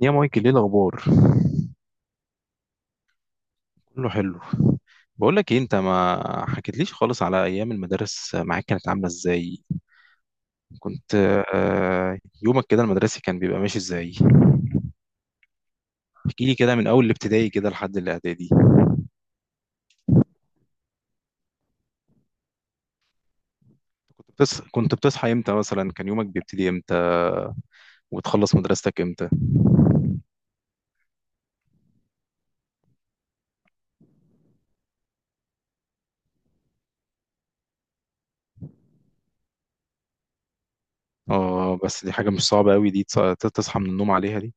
يا مايكل، ايه الاخبار؟ كله حلو. بقول لك ايه، انت ما حكيتليش خالص على ايام المدارس، معاك كانت عامله ازاي؟ كنت يومك كده المدرسي كان بيبقى ماشي ازاي؟ احكي لي كده من اول الابتدائي كده لحد الاعدادي. كنت بتصحى امتى مثلا؟ كان يومك بيبتدي امتى وتخلص مدرستك امتى؟ اه بس دي حاجه مش صعبه قوي دي، تصحى من النوم عليها دي.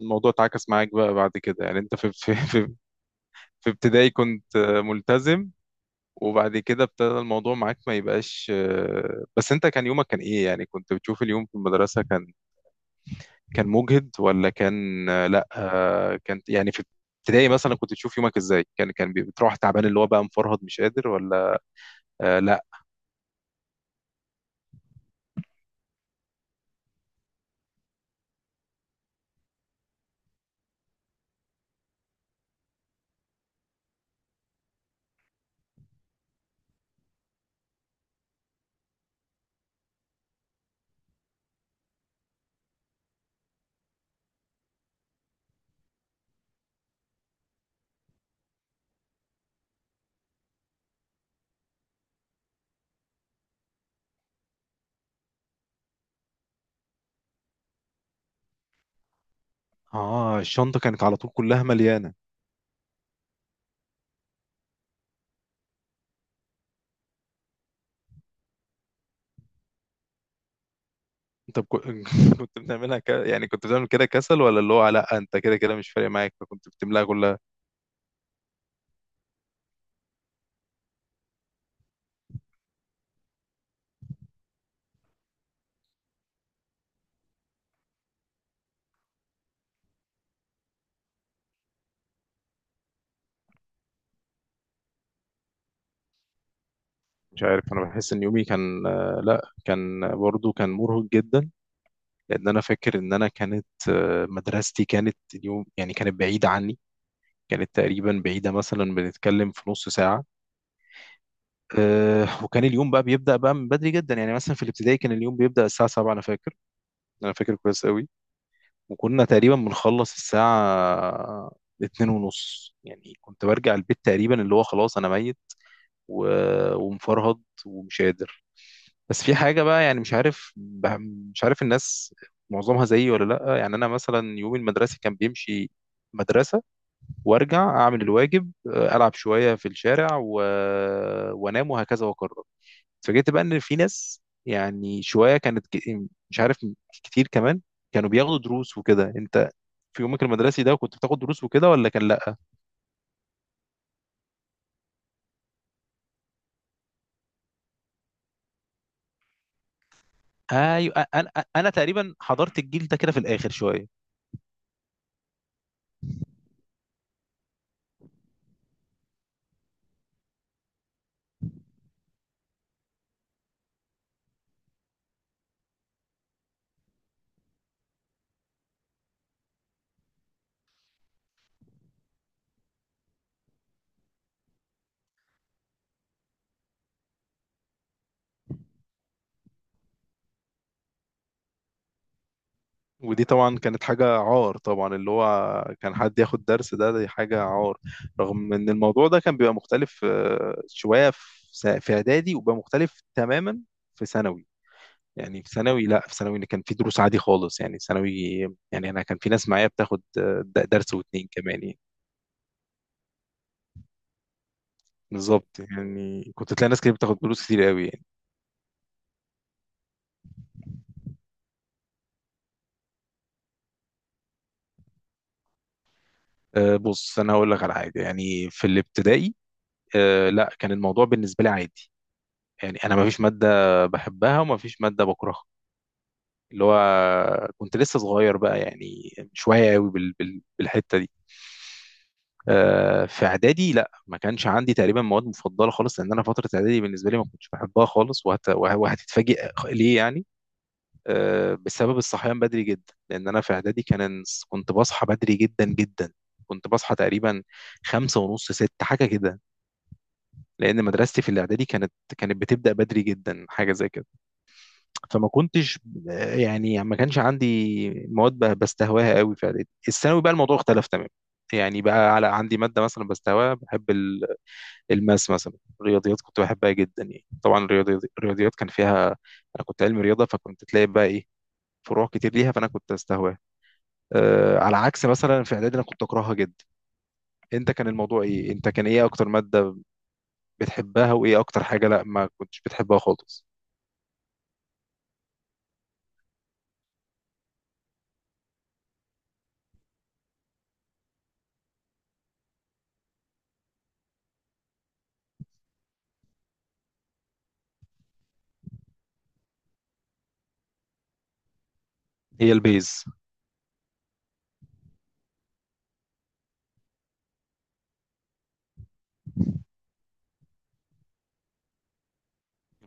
الموضوع اتعكس معاك بقى بعد كده يعني؟ انت في ابتدائي كنت ملتزم، وبعد كده ابتدى الموضوع معاك ما يبقاش بس انت كان يومك كان ايه يعني؟ كنت بتشوف اليوم في المدرسة كان كان مجهد ولا كان لا كان يعني في ابتدائي مثلا كنت بتشوف يومك ازاي؟ كان بتروح تعبان اللي هو بقى مفرهد مش قادر ولا آه لا؟ اه الشنطة كانت على طول كلها مليانة. انت كنت يعني كنت بتعمل كده كسل، ولا اللي هو لا انت كده كده مش فارق معاك فكنت بتملاها كلها؟ مش عارف، انا بحس ان يومي كان لا كان برضو كان مرهق جدا، لان انا فاكر ان انا كانت مدرستي كانت اليوم يعني كانت بعيده عني، كانت تقريبا بعيده، مثلا بنتكلم في نص ساعه. وكان اليوم بقى بيبدا بقى من بدري جدا، يعني مثلا في الابتدائي كان اليوم بيبدا الساعه 7، انا فاكر، انا فاكر كويس قوي. وكنا تقريبا بنخلص الساعه اتنين ونص، يعني كنت برجع البيت تقريبا اللي هو خلاص انا ميت ومفرهد ومش قادر. بس في حاجة بقى يعني مش عارف، مش عارف الناس معظمها زيي ولا لأ، يعني أنا مثلا يوم المدرسة كان بيمشي مدرسة وأرجع أعمل الواجب، ألعب شوية في الشارع وأنام وهكذا وأكرر. اتفاجئت بقى إن في ناس يعني شوية مش عارف، كتير كمان، كانوا بياخدوا دروس وكده. أنت في يومك المدرسي ده كنت بتاخد دروس وكده ولا كان لأ؟ أيوة، أنا أنا تقريبا حضرت الجيل ده كده في الآخر شوية. ودي طبعا كانت حاجة عار، طبعا اللي هو كان حد ياخد درس ده، دي حاجة عار. رغم ان الموضوع ده كان بيبقى مختلف شوية في في اعدادي، وبقى مختلف تماما في ثانوي. يعني في ثانوي، لا في ثانوي كان في دروس عادي خالص، يعني ثانوي، يعني انا كان في ناس معايا بتاخد درس واتنين كمان يعني. بالظبط، يعني كنت تلاقي ناس كتير بتاخد دروس كتير قوي يعني. بص انا هقول لك على حاجة، يعني في الابتدائي لا كان الموضوع بالنسبة لي عادي، يعني انا ما فيش مادة بحبها وما فيش مادة بكرهها، اللي هو كنت لسه صغير بقى يعني، مش واعي قوي بالحته دي. في اعدادي لا، ما كانش عندي تقريبا مواد مفضله خالص، لان انا فتره اعدادي بالنسبه لي ما كنتش بحبها خالص، وهتتفاجئ ليه يعني بسبب الصحيان بدري جدا، لان انا في اعدادي كان كنت بصحى بدري جدا جدا، كنت بصحى تقريبا خمسة ونص ست حاجة كده، لأن مدرستي في الإعدادي كانت كانت بتبدأ بدري جدا حاجة زي كده. فما كنتش يعني ما كانش عندي مواد بستهواها قوي في اعدادي. الثانوي بقى الموضوع اختلف تماما، يعني بقى على عندي ماده مثلا بستهواها، بحب الماس مثلا، الرياضيات كنت بحبها جدا يعني. طبعا الرياضيات كان فيها، انا كنت علم رياضه، فكنت تلاقي بقى ايه، فروع كتير ليها، فانا كنت استهواها، أه على عكس مثلا في اعدادي انا كنت اكرهها جدا. انت كان الموضوع ايه، انت كان ايه اكتر ماده بتحبها وايه اكتر حاجه لا ما كنتش بتحبها خالص؟ هي البيز.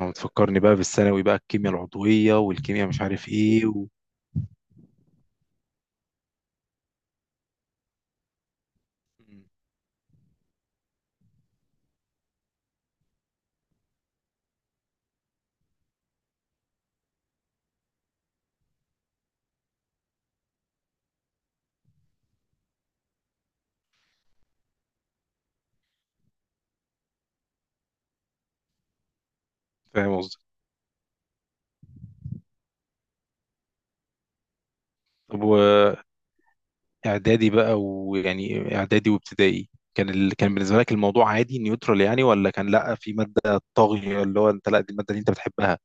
اه، بتفكرني بقى بالثانوي بقى، الكيمياء العضوية والكيمياء مش عارف ايه مم. فاهم قصدي. طب واعدادي بقى، ويعني اعدادي وابتدائي كان كان بالنسبة لك الموضوع عادي نيوترال يعني، ولا كان لا في مادة طاغية اللي هو انت لا دي المادة اللي انت بتحبها؟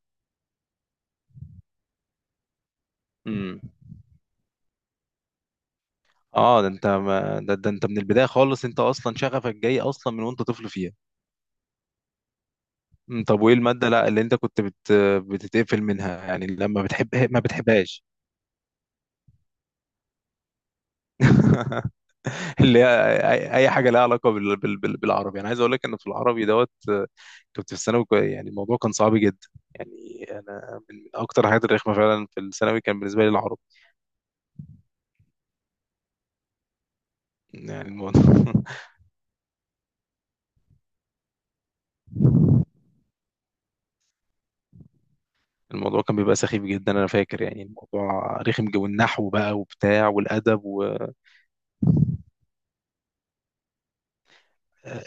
امم. اه ده انت ما... ده, ده انت من البداية خالص، انت اصلا شغفك جاي اصلا من وانت طفل فيها. مم. طب وايه المادة لا اللي انت كنت بتتقفل منها، يعني لما بتحب ما بتحبهاش؟ اللي هي أي حاجه لها علاقه بالعربي. انا عايز اقول لك ان في العربي دوت كنت في الثانوي يعني الموضوع كان صعب جدا، يعني انا من اكتر الحاجات الرخمه فعلا في الثانوي كان بالنسبه لي العربي. يعني الموضوع الموضوع كان بيبقى سخيف جدا، انا فاكر يعني الموضوع رخم، جو النحو بقى وبتاع والادب آه،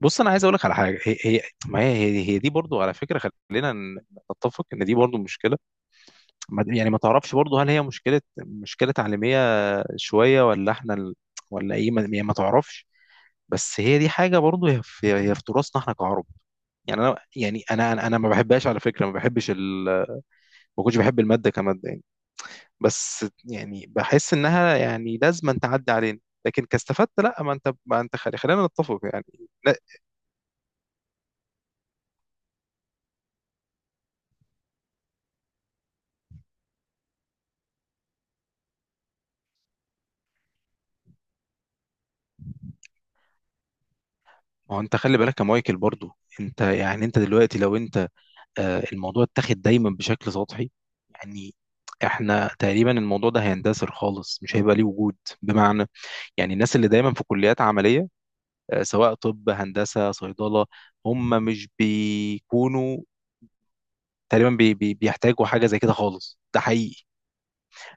بص انا عايز اقول لك على حاجه، هي ما هي هي دي برضو على فكره، خلينا نتفق ان دي برضو مشكله. يعني ما تعرفش برضه هل هي مشكلة تعليمية شوية، ولا احنا ولا ايه ما... يعني ما تعرفش. بس هي دي حاجة برضه، هي هي في تراثنا احنا كعرب. يعني انا يعني انا أنا ما بحبهاش على فكرة، ما بحبش ما كنتش بحب المادة كمادة يعني، بس يعني بحس انها يعني لازم أن تعدي علينا. لكن كاستفدت لا، ما انت ما انت خلينا نتفق يعني. لا ما هو انت خلي بالك يا مايكل، برضه انت يعني انت دلوقتي لو انت الموضوع اتاخد دايما بشكل سطحي. يعني احنا تقريبا الموضوع ده هيندثر خالص، مش هيبقى ليه وجود. بمعنى، يعني الناس اللي دايما في كليات عملية سواء طب هندسة صيدلة، هم مش بيكونوا تقريبا بي بي بيحتاجوا حاجة زي كده خالص، ده حقيقي.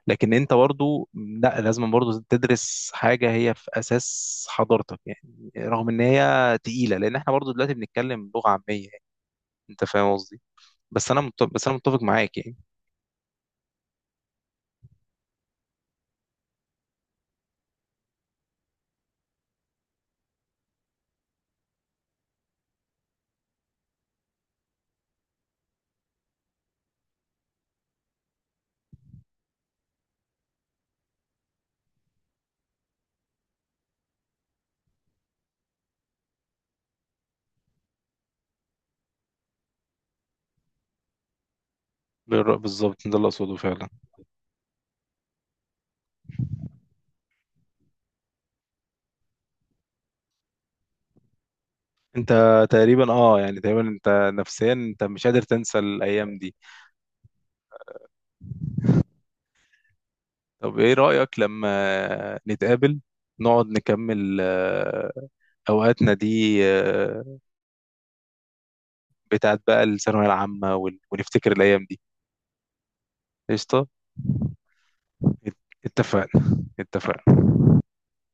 لكن انت برضو لا لازم برضو تدرس حاجة هي في اساس حضرتك، يعني رغم ان هي تقيلة، لان احنا برضو دلوقتي بنتكلم لغة عامية يعني. انت فاهم قصدي؟ بس انا بس انا متفق معاك يعني. بالظبط، ده اللي اقصده فعلا. انت تقريبا اه، يعني تقريبا انت نفسيا انت مش قادر تنسى الايام دي. طب ايه رأيك لما نتقابل نقعد نكمل اوقاتنا دي بتاعت بقى الثانوية العامة، ونفتكر الايام دي؟ قشطة. ات- اتفقنا، اتفقنا.